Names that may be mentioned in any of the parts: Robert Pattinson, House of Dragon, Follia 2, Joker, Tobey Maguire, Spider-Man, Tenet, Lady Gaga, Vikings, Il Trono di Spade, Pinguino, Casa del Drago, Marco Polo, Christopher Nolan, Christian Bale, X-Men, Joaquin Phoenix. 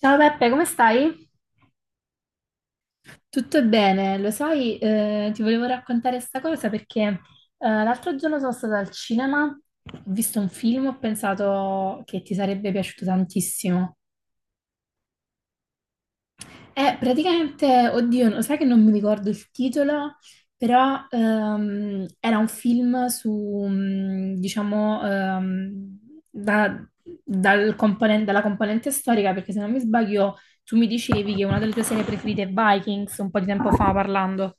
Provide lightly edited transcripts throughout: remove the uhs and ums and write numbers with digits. Ciao Peppe, come stai? Tutto bene, lo sai, ti volevo raccontare questa cosa perché l'altro giorno sono stata al cinema, ho visto un film, ho pensato che ti sarebbe piaciuto tantissimo. Praticamente, oddio, lo sai che non mi ricordo il titolo, però era un film su, diciamo, da- dalla componente storica, perché se non mi sbaglio tu mi dicevi che una delle tue serie preferite è Vikings, un po' di tempo fa parlando.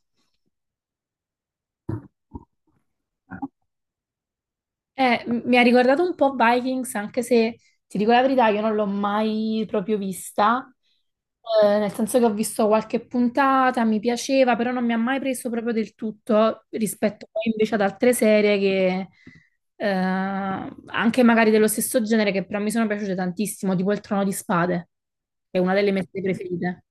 Mi ha ricordato un po' Vikings, anche se ti dico la verità, io non l'ho mai proprio vista. Nel senso che ho visto qualche puntata, mi piaceva, però non mi ha mai preso proprio del tutto rispetto poi invece ad altre serie che, eh, anche magari dello stesso genere, che però mi sono piaciute tantissimo, tipo Il Trono di Spade, che è una delle mie serie preferite.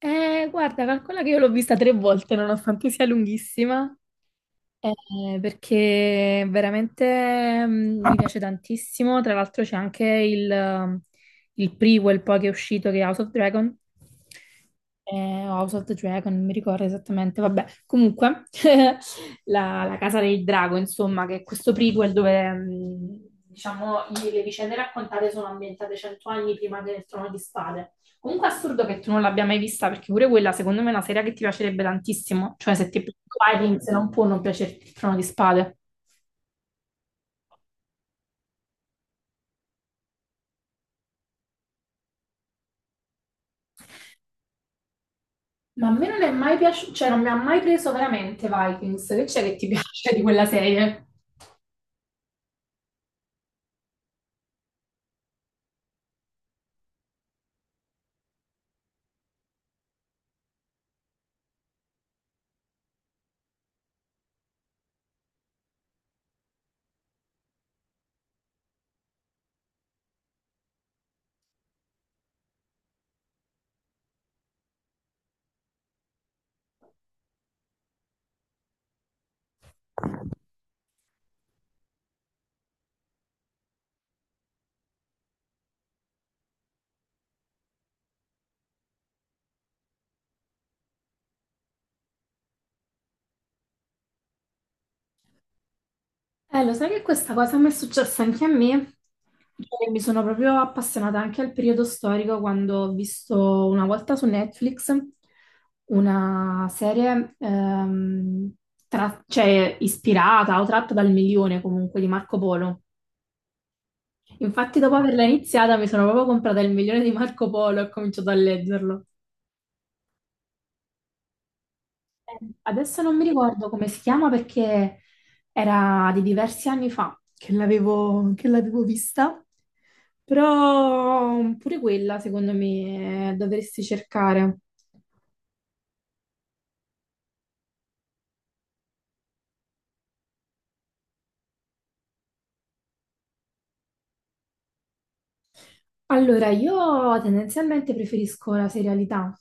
Guarda, calcola che io l'ho vista tre volte, nonostante sia lunghissima. Perché veramente mi piace tantissimo. Tra l'altro c'è anche il prequel poi che è uscito che è House of Dragon. Eh, o House of the Dragon, non mi ricordo esattamente. Vabbè, comunque, la Casa del Drago, insomma, che è questo prequel dove, diciamo, le vicende raccontate sono ambientate 100 anni prima del Trono di Spade. Comunque è assurdo che tu non l'abbia mai vista, perché pure quella secondo me è una serie che ti piacerebbe tantissimo. Cioè, se ti piace Vikings non può non piacerti il Trono di Spade. Ma a me non è mai piaciuto, cioè non mi ha mai preso veramente Vikings. Che c'è che ti piace di quella serie? Lo sai che questa cosa mi è successa anche a me? Cioè, mi sono proprio appassionata anche al periodo storico quando ho visto una volta su Netflix una serie cioè, ispirata o tratta dal milione comunque di Marco Polo. Infatti, dopo averla iniziata, mi sono proprio comprata il milione di Marco Polo e ho cominciato a leggerlo. Eh, Adesso non mi ricordo come si chiama perché era di diversi anni fa che l'avevo vista, però pure quella, secondo me, dovresti cercare. Allora, io tendenzialmente preferisco la serialità.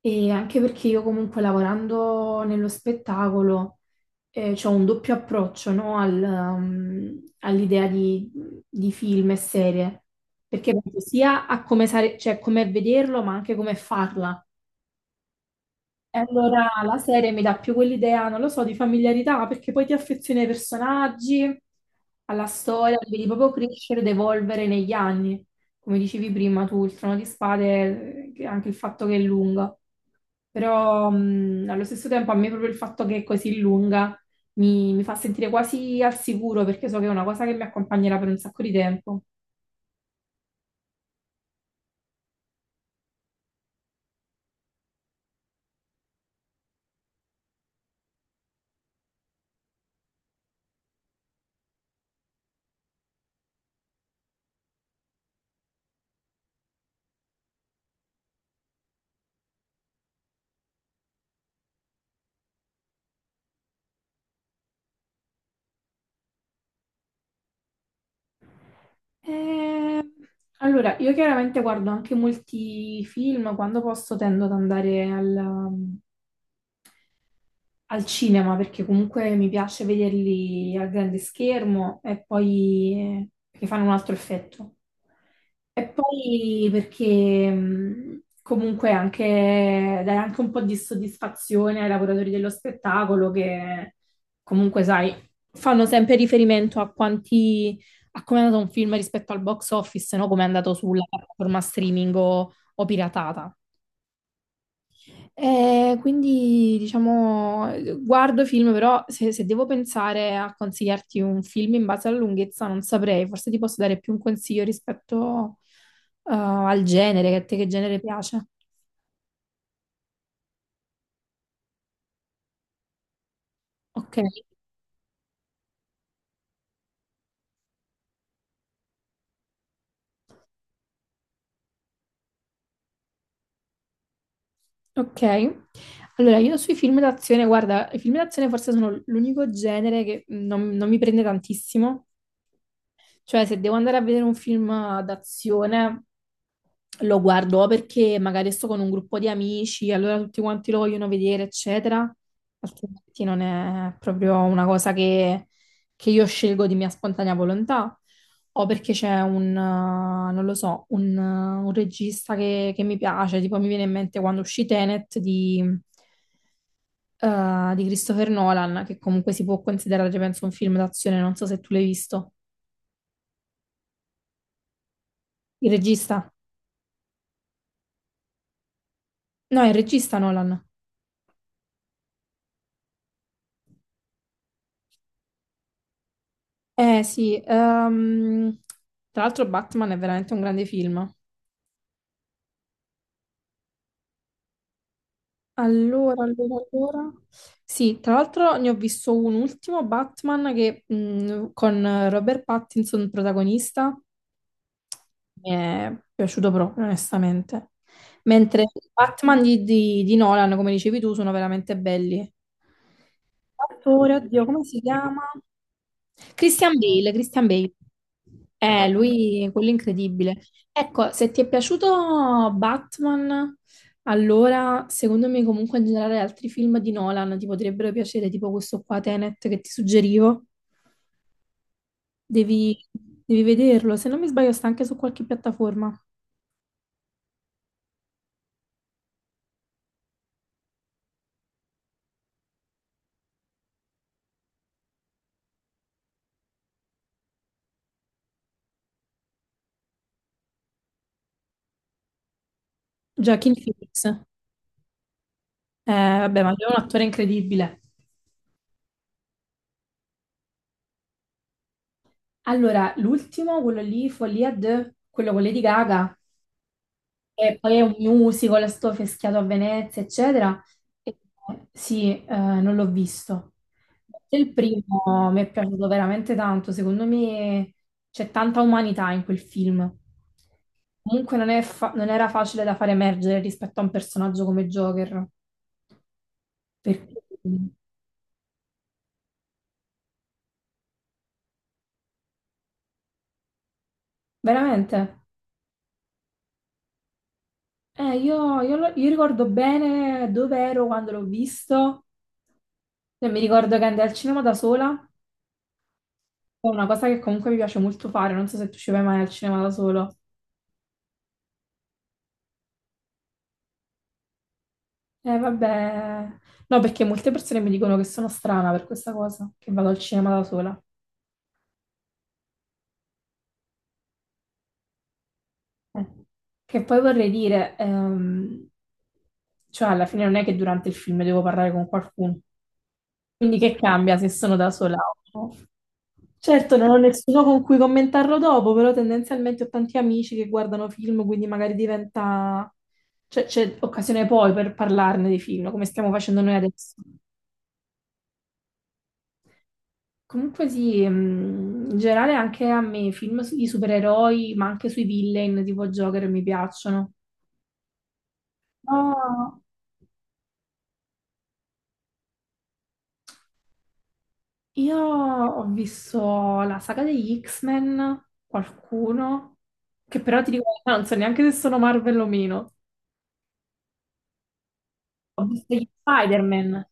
E anche perché io comunque lavorando nello spettacolo ho un doppio approccio, no, all'idea di film e serie, perché penso sia a come, cioè, come vederlo, ma anche come farla. E allora la serie mi dà più quell'idea, non lo so, di familiarità, perché poi ti affezioni ai personaggi, alla storia, li vedi proprio crescere ed evolvere negli anni. Come dicevi prima tu, il Trono di Spade, anche il fatto che è lunga. Però allo stesso tempo a me proprio il fatto che è così lunga mi fa sentire quasi al sicuro, perché so che è una cosa che mi accompagnerà per un sacco di tempo. Eh, allora, io chiaramente guardo anche molti film, quando posso tendo ad andare al cinema perché comunque mi piace vederli al grande schermo e poi perché fanno un altro effetto. E poi perché comunque anche dai anche un po' di soddisfazione ai lavoratori dello spettacolo che comunque, sai, fanno sempre riferimento a come è andato un film rispetto al box office, no? Come è andato sulla piattaforma streaming o piratata. Quindi diciamo, guardo film, però se devo pensare a consigliarti un film in base alla lunghezza, non saprei, forse ti posso dare più un consiglio rispetto al genere, che a te che genere piace. Ok, ok. Allora, io sui film d'azione, guarda, i film d'azione forse sono l'unico genere che non mi prende tantissimo. Cioè, se devo andare a vedere un film d'azione, lo guardo perché magari sto con un gruppo di amici, allora tutti quanti lo vogliono vedere, eccetera. Altrimenti non è proprio una cosa che, io scelgo di mia spontanea volontà. O perché c'è non lo so, un regista che mi piace, tipo mi viene in mente quando uscì Tenet di Christopher Nolan, che comunque si può considerare, penso, un film d'azione, non so se tu l'hai visto. Il regista? No, è il regista Nolan. Eh sì, tra l'altro Batman è veramente un grande film. Allora, allora, allora. Sì, tra l'altro ne ho visto un ultimo Batman che, con Robert Pattinson protagonista. Mi è piaciuto proprio, onestamente. Mentre i Batman di Nolan, come dicevi tu, sono veramente belli. Attore, oddio, come si chiama? Christian Bale, Christian Bale. Lui, quello incredibile. Ecco, se ti è piaciuto Batman, allora secondo me comunque in generale altri film di Nolan ti potrebbero piacere, tipo questo qua Tenet che ti suggerivo. Devi, devi vederlo, se non mi sbaglio sta anche su qualche piattaforma. Joaquin Phoenix. Vabbè, ma lui è un attore incredibile. Allora, l'ultimo, quello lì, Follia 2, quello con Lady Gaga, e poi è un musical, sto fischiato a Venezia, eccetera. Eh, Sì, non l'ho visto. Il primo mi è piaciuto veramente tanto, secondo me c'è tanta umanità in quel film. Comunque non è fa- non era facile da far emergere rispetto a un personaggio come Joker, perché veramente. Io ricordo bene dove ero quando l'ho visto, e mi ricordo che andai al cinema da sola. È una cosa che comunque mi piace molto fare, non so se tu ci vai mai al cinema da solo. Vabbè, no, perché molte persone mi dicono che sono strana per questa cosa, che vado al cinema da sola. Eh. Che poi vorrei dire, cioè alla fine non è che durante il film devo parlare con qualcuno, quindi che cambia se sono da sola o no? Certo, non ho nessuno con cui commentarlo dopo, però tendenzialmente ho tanti amici che guardano film, quindi magari diventa. C'è occasione poi per parlarne dei film, come stiamo facendo noi adesso. Comunque sì, in generale anche a me i film sui supereroi, ma anche sui villain tipo Joker mi piacciono. Oh, io ho visto la saga degli X-Men, qualcuno, che però ti dico, la verità, non so neanche se sono Marvel o meno. Ho visto gli Spider-Man.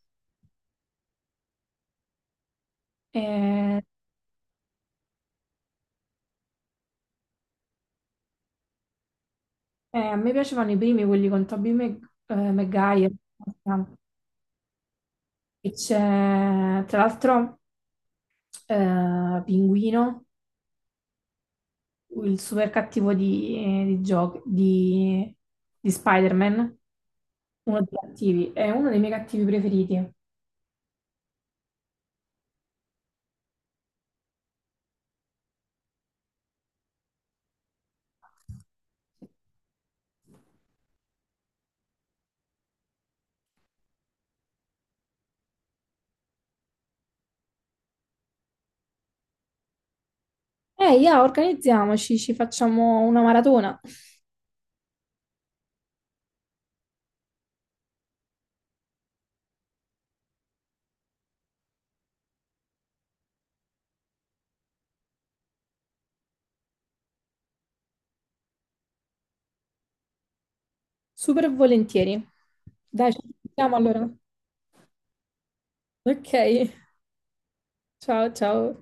Eh, A me piacevano i primi, quelli con Tobey Maguire, e c'è tra l'altro Pinguino, il super cattivo di Spider-Man, uno dei cattivi, è uno dei miei cattivi preferiti. Yeah, organizziamoci, ci facciamo una maratona. Super volentieri. Dai, ci sentiamo allora. Ok, ciao ciao.